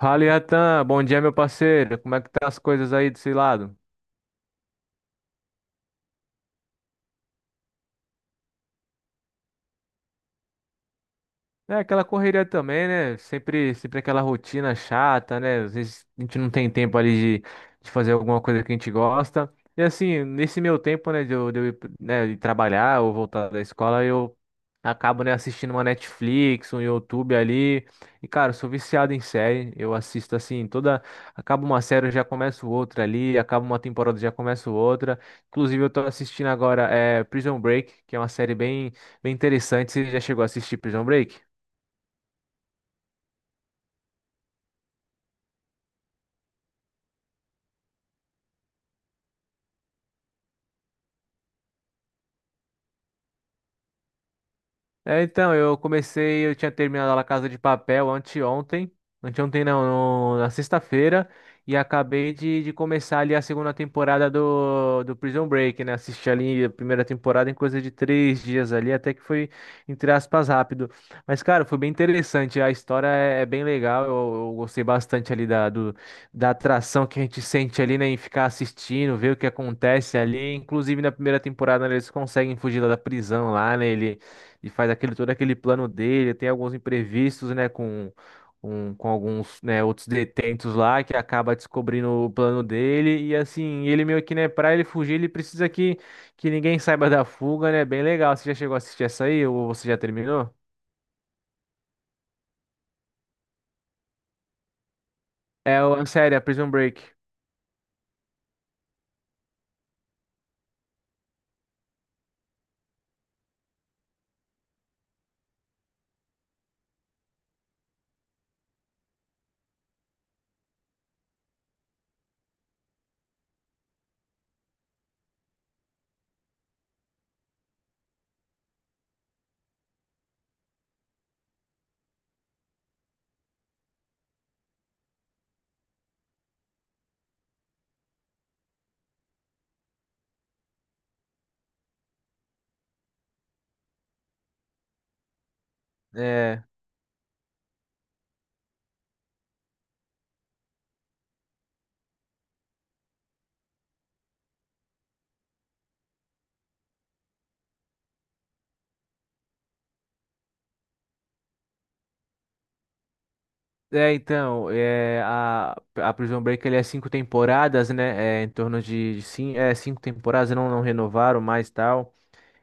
Fala, Iatan. Bom dia, meu parceiro. Como é que tá as coisas aí desse lado? É aquela correria também, né? Sempre aquela rotina chata, né? Às vezes a gente não tem tempo ali de fazer alguma coisa que a gente gosta. E assim, nesse meu tempo, né, de eu ir, né, de trabalhar ou voltar da escola, eu acabo, né, assistindo uma Netflix, um YouTube ali. E, cara, eu sou viciado em série. Eu assisto assim, toda. Acaba uma série, eu já começo outra ali. Acaba uma temporada, eu já começo outra. Inclusive, eu tô assistindo agora é, Prison Break, que é uma série bem interessante. Você já chegou a assistir Prison Break? É, então, eu comecei, eu tinha terminado a Casa de Papel anteontem, anteontem não, na sexta-feira, e acabei de começar ali a segunda temporada do Prison Break, né? Assisti ali a primeira temporada em coisa de três dias ali, até que foi, entre aspas, rápido. Mas, cara, foi bem interessante, a história é, é bem legal, eu gostei bastante ali da atração que a gente sente ali, né, em ficar assistindo, ver o que acontece ali. Inclusive, na primeira temporada, né, eles conseguem fugir lá da prisão lá, né? E faz aquele todo aquele plano dele, tem alguns imprevistos, né, com, com alguns, né, outros detentos lá que acaba descobrindo o plano dele e assim, ele meio que, né, para ele fugir, ele precisa que ninguém saiba da fuga, né? Bem legal. Você já chegou a assistir essa aí ou você já terminou? É, a série, a Prison Break. É, a Prison Break ele é cinco temporadas, né? É, em torno de cinco, é, cinco temporadas, não, não renovaram mais tal.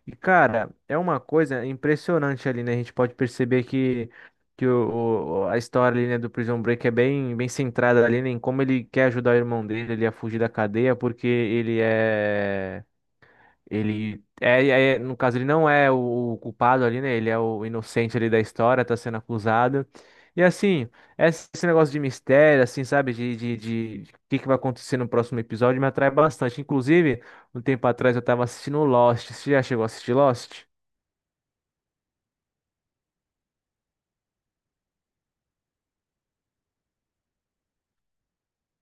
E, cara, é uma coisa impressionante ali, né? A gente pode perceber que a história ali, né, do Prison Break é bem centrada ali, né, em como ele quer ajudar o irmão dele ali a fugir da cadeia, porque ele é. Ele é, no caso, ele não é o culpado ali, né? Ele é o inocente ali da história, tá sendo acusado. E assim, esse negócio de mistério, assim, sabe? De o que que vai acontecer no próximo episódio me atrai bastante. Inclusive, um tempo atrás eu tava assistindo Lost. Você já chegou a assistir Lost?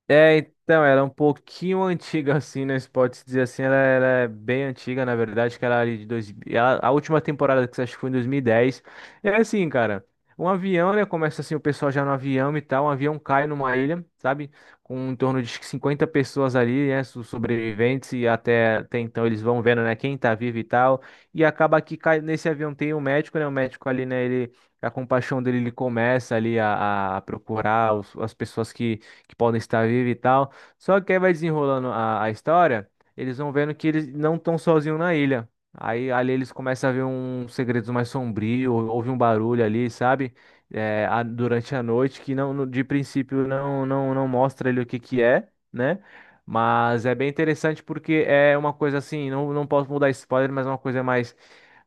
É, então, ela é um pouquinho antiga, assim, né? Se pode se dizer assim, ela é bem antiga, na verdade, que ela é ali de dois... a última temporada que você acho que foi em 2010. É assim, cara, um avião, né? Começa assim, o pessoal já no avião e tal, um avião cai numa ilha, sabe? Com em torno de 50 pessoas ali, né? Sobreviventes, e até, até então eles vão vendo, né? Quem tá vivo e tal. E acaba que cai, nesse avião tem um médico, né? O médico ali, né? Ele, a compaixão dele, ele começa ali a procurar as pessoas que podem estar vivos e tal. Só que aí vai desenrolando a história, eles vão vendo que eles não estão sozinhos na ilha. Aí ali eles começam a ver uns segredos mais sombrios, houve um barulho ali, sabe? É, durante a noite, que não, de princípio não, não mostra ele o que que é, né? Mas é bem interessante porque é uma coisa assim, não, não posso mudar spoiler, mas é uma coisa mais,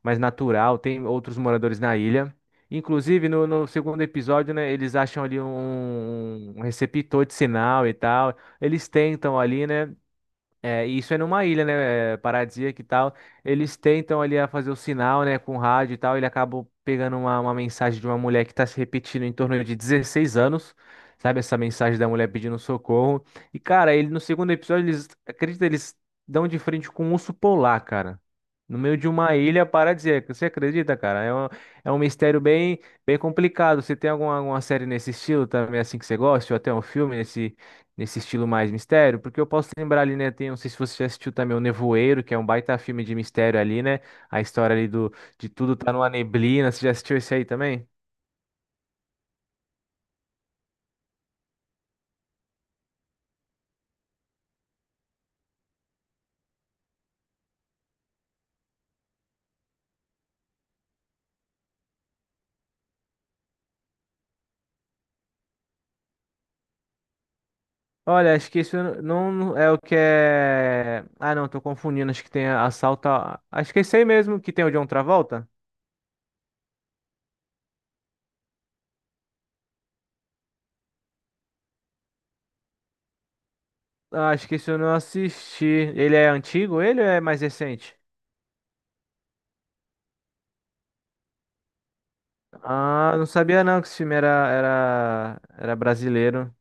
mais natural. Tem outros moradores na ilha. Inclusive, no, no segundo episódio, né, eles acham ali um, um receptor de sinal e tal. Eles tentam ali, né? É, e isso é numa ilha, né, é, paradisíaca e tal. Eles tentam ali a fazer o sinal, né, com o rádio e tal. Ele acaba pegando uma mensagem de uma mulher que tá se repetindo em torno de 16 anos, sabe? Essa mensagem da mulher pedindo socorro. E, cara, ele no segundo episódio, eles, acredita, eles dão de frente com um urso polar, cara. No meio de uma ilha paradisíaca. Você acredita, cara? É um mistério bem, bem complicado. Você tem alguma, alguma série nesse estilo também, assim, que você gosta? Ou até um filme nesse nesse estilo mais mistério, porque eu posso lembrar ali, né, tem, não sei se você já assistiu também o Nevoeiro, que é um baita filme de mistério ali, né? A história ali do de tudo tá numa neblina, você já assistiu esse aí também? Olha, acho que isso não não é o que é. Ah, não, tô confundindo. Acho que tem assalto. Acho que é esse aí mesmo que tem o John Travolta. Ah, acho que isso eu não assisti. Ele é antigo? Ele ou é mais recente? Ah, não sabia não que esse filme era brasileiro.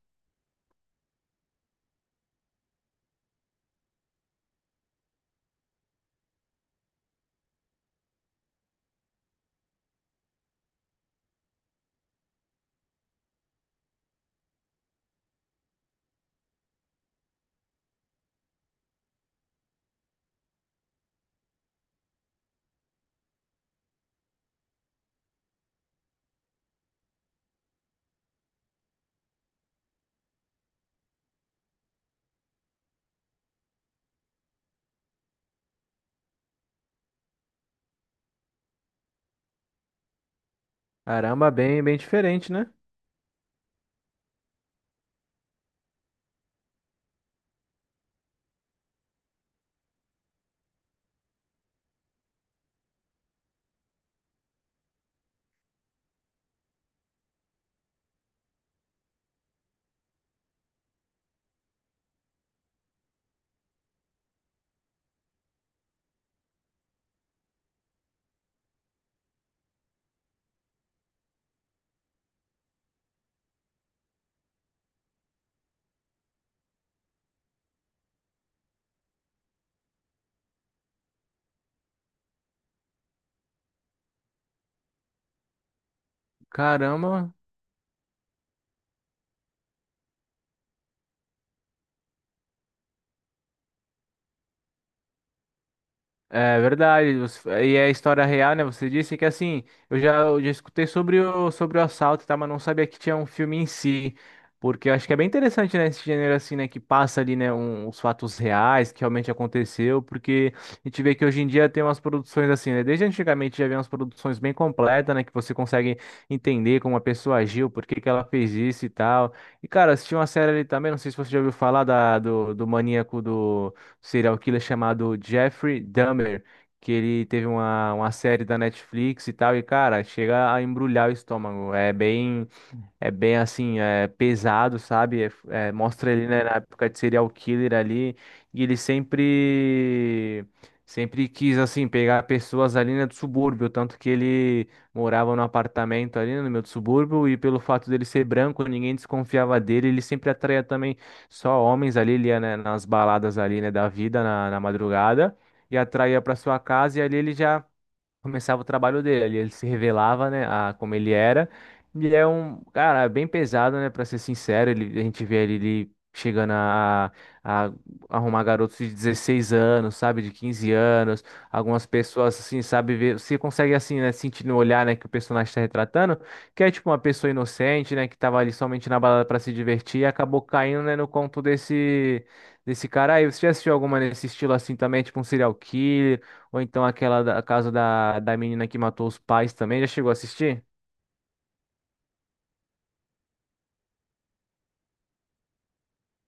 Caramba, bem, bem diferente, né? Caramba, é verdade, você- e é história real, né? Você disse que assim, eu já escutei sobre o, sobre o assalto, tá? Mas não sabia que tinha um filme em si. Porque eu acho que é bem interessante, né? Esse gênero assim, né? Que passa ali, né? Um, os fatos reais que realmente aconteceu. Porque a gente vê que hoje em dia tem umas produções assim, né? Desde antigamente já havia umas produções bem completas, né? Que você consegue entender como a pessoa agiu, por que que ela fez isso e tal. E, cara, assisti uma série ali também, não sei se você já ouviu falar da, do maníaco do um serial killer chamado Jeffrey Dahmer, que ele teve uma série da Netflix e tal, e cara, chega a embrulhar o estômago. É bem. É bem assim, é pesado, sabe? É, mostra ele, né, na época de serial killer ali. E ele sempre quis, assim, pegar pessoas ali, né, do subúrbio. Tanto que ele morava num apartamento ali no meio do subúrbio. E pelo fato dele ser branco, ninguém desconfiava dele. Ele sempre atraía também só homens ali, ele ia, né, nas baladas ali, né, da vida, na madrugada. E atraía para sua casa. E ali ele já começava o trabalho dele, ele se revelava, né, a como ele era. Ele é um cara é bem pesado, né, para ser sincero, ele, a gente vê ele chegando a arrumar garotos de 16 anos, sabe, de 15 anos, algumas pessoas assim, sabe, ver, você consegue assim, né, sentir no olhar, né, que o personagem está retratando, que é tipo uma pessoa inocente, né, que tava ali somente na balada para se divertir e acabou caindo, né, no conto desse cara aí. Você já assistiu alguma nesse estilo assim também, tipo um serial killer? Ou então aquela da a casa da menina que matou os pais também. Já chegou a assistir?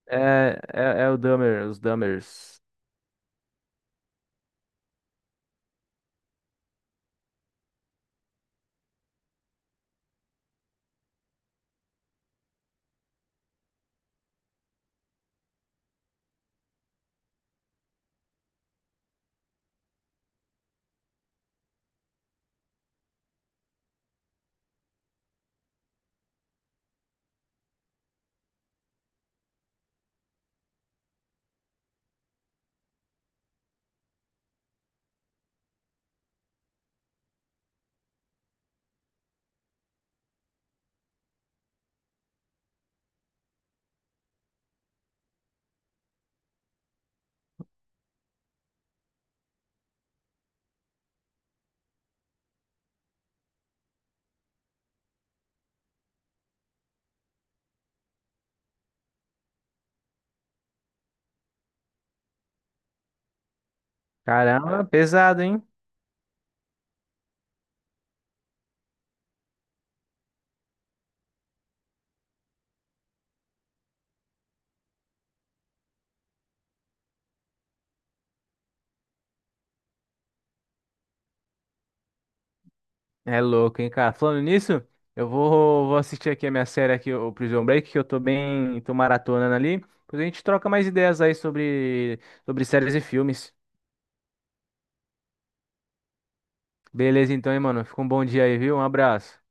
É o Dahmer, os Dahmers. Caramba, pesado, hein? É louco, hein, cara? Falando nisso, vou assistir aqui a minha série aqui, o Prison Break, que eu tô bem, tô maratonando ali. Depois a gente troca mais ideias aí sobre, sobre séries e filmes. Beleza, então, hein, mano? Fica um bom dia aí, viu? Um abraço.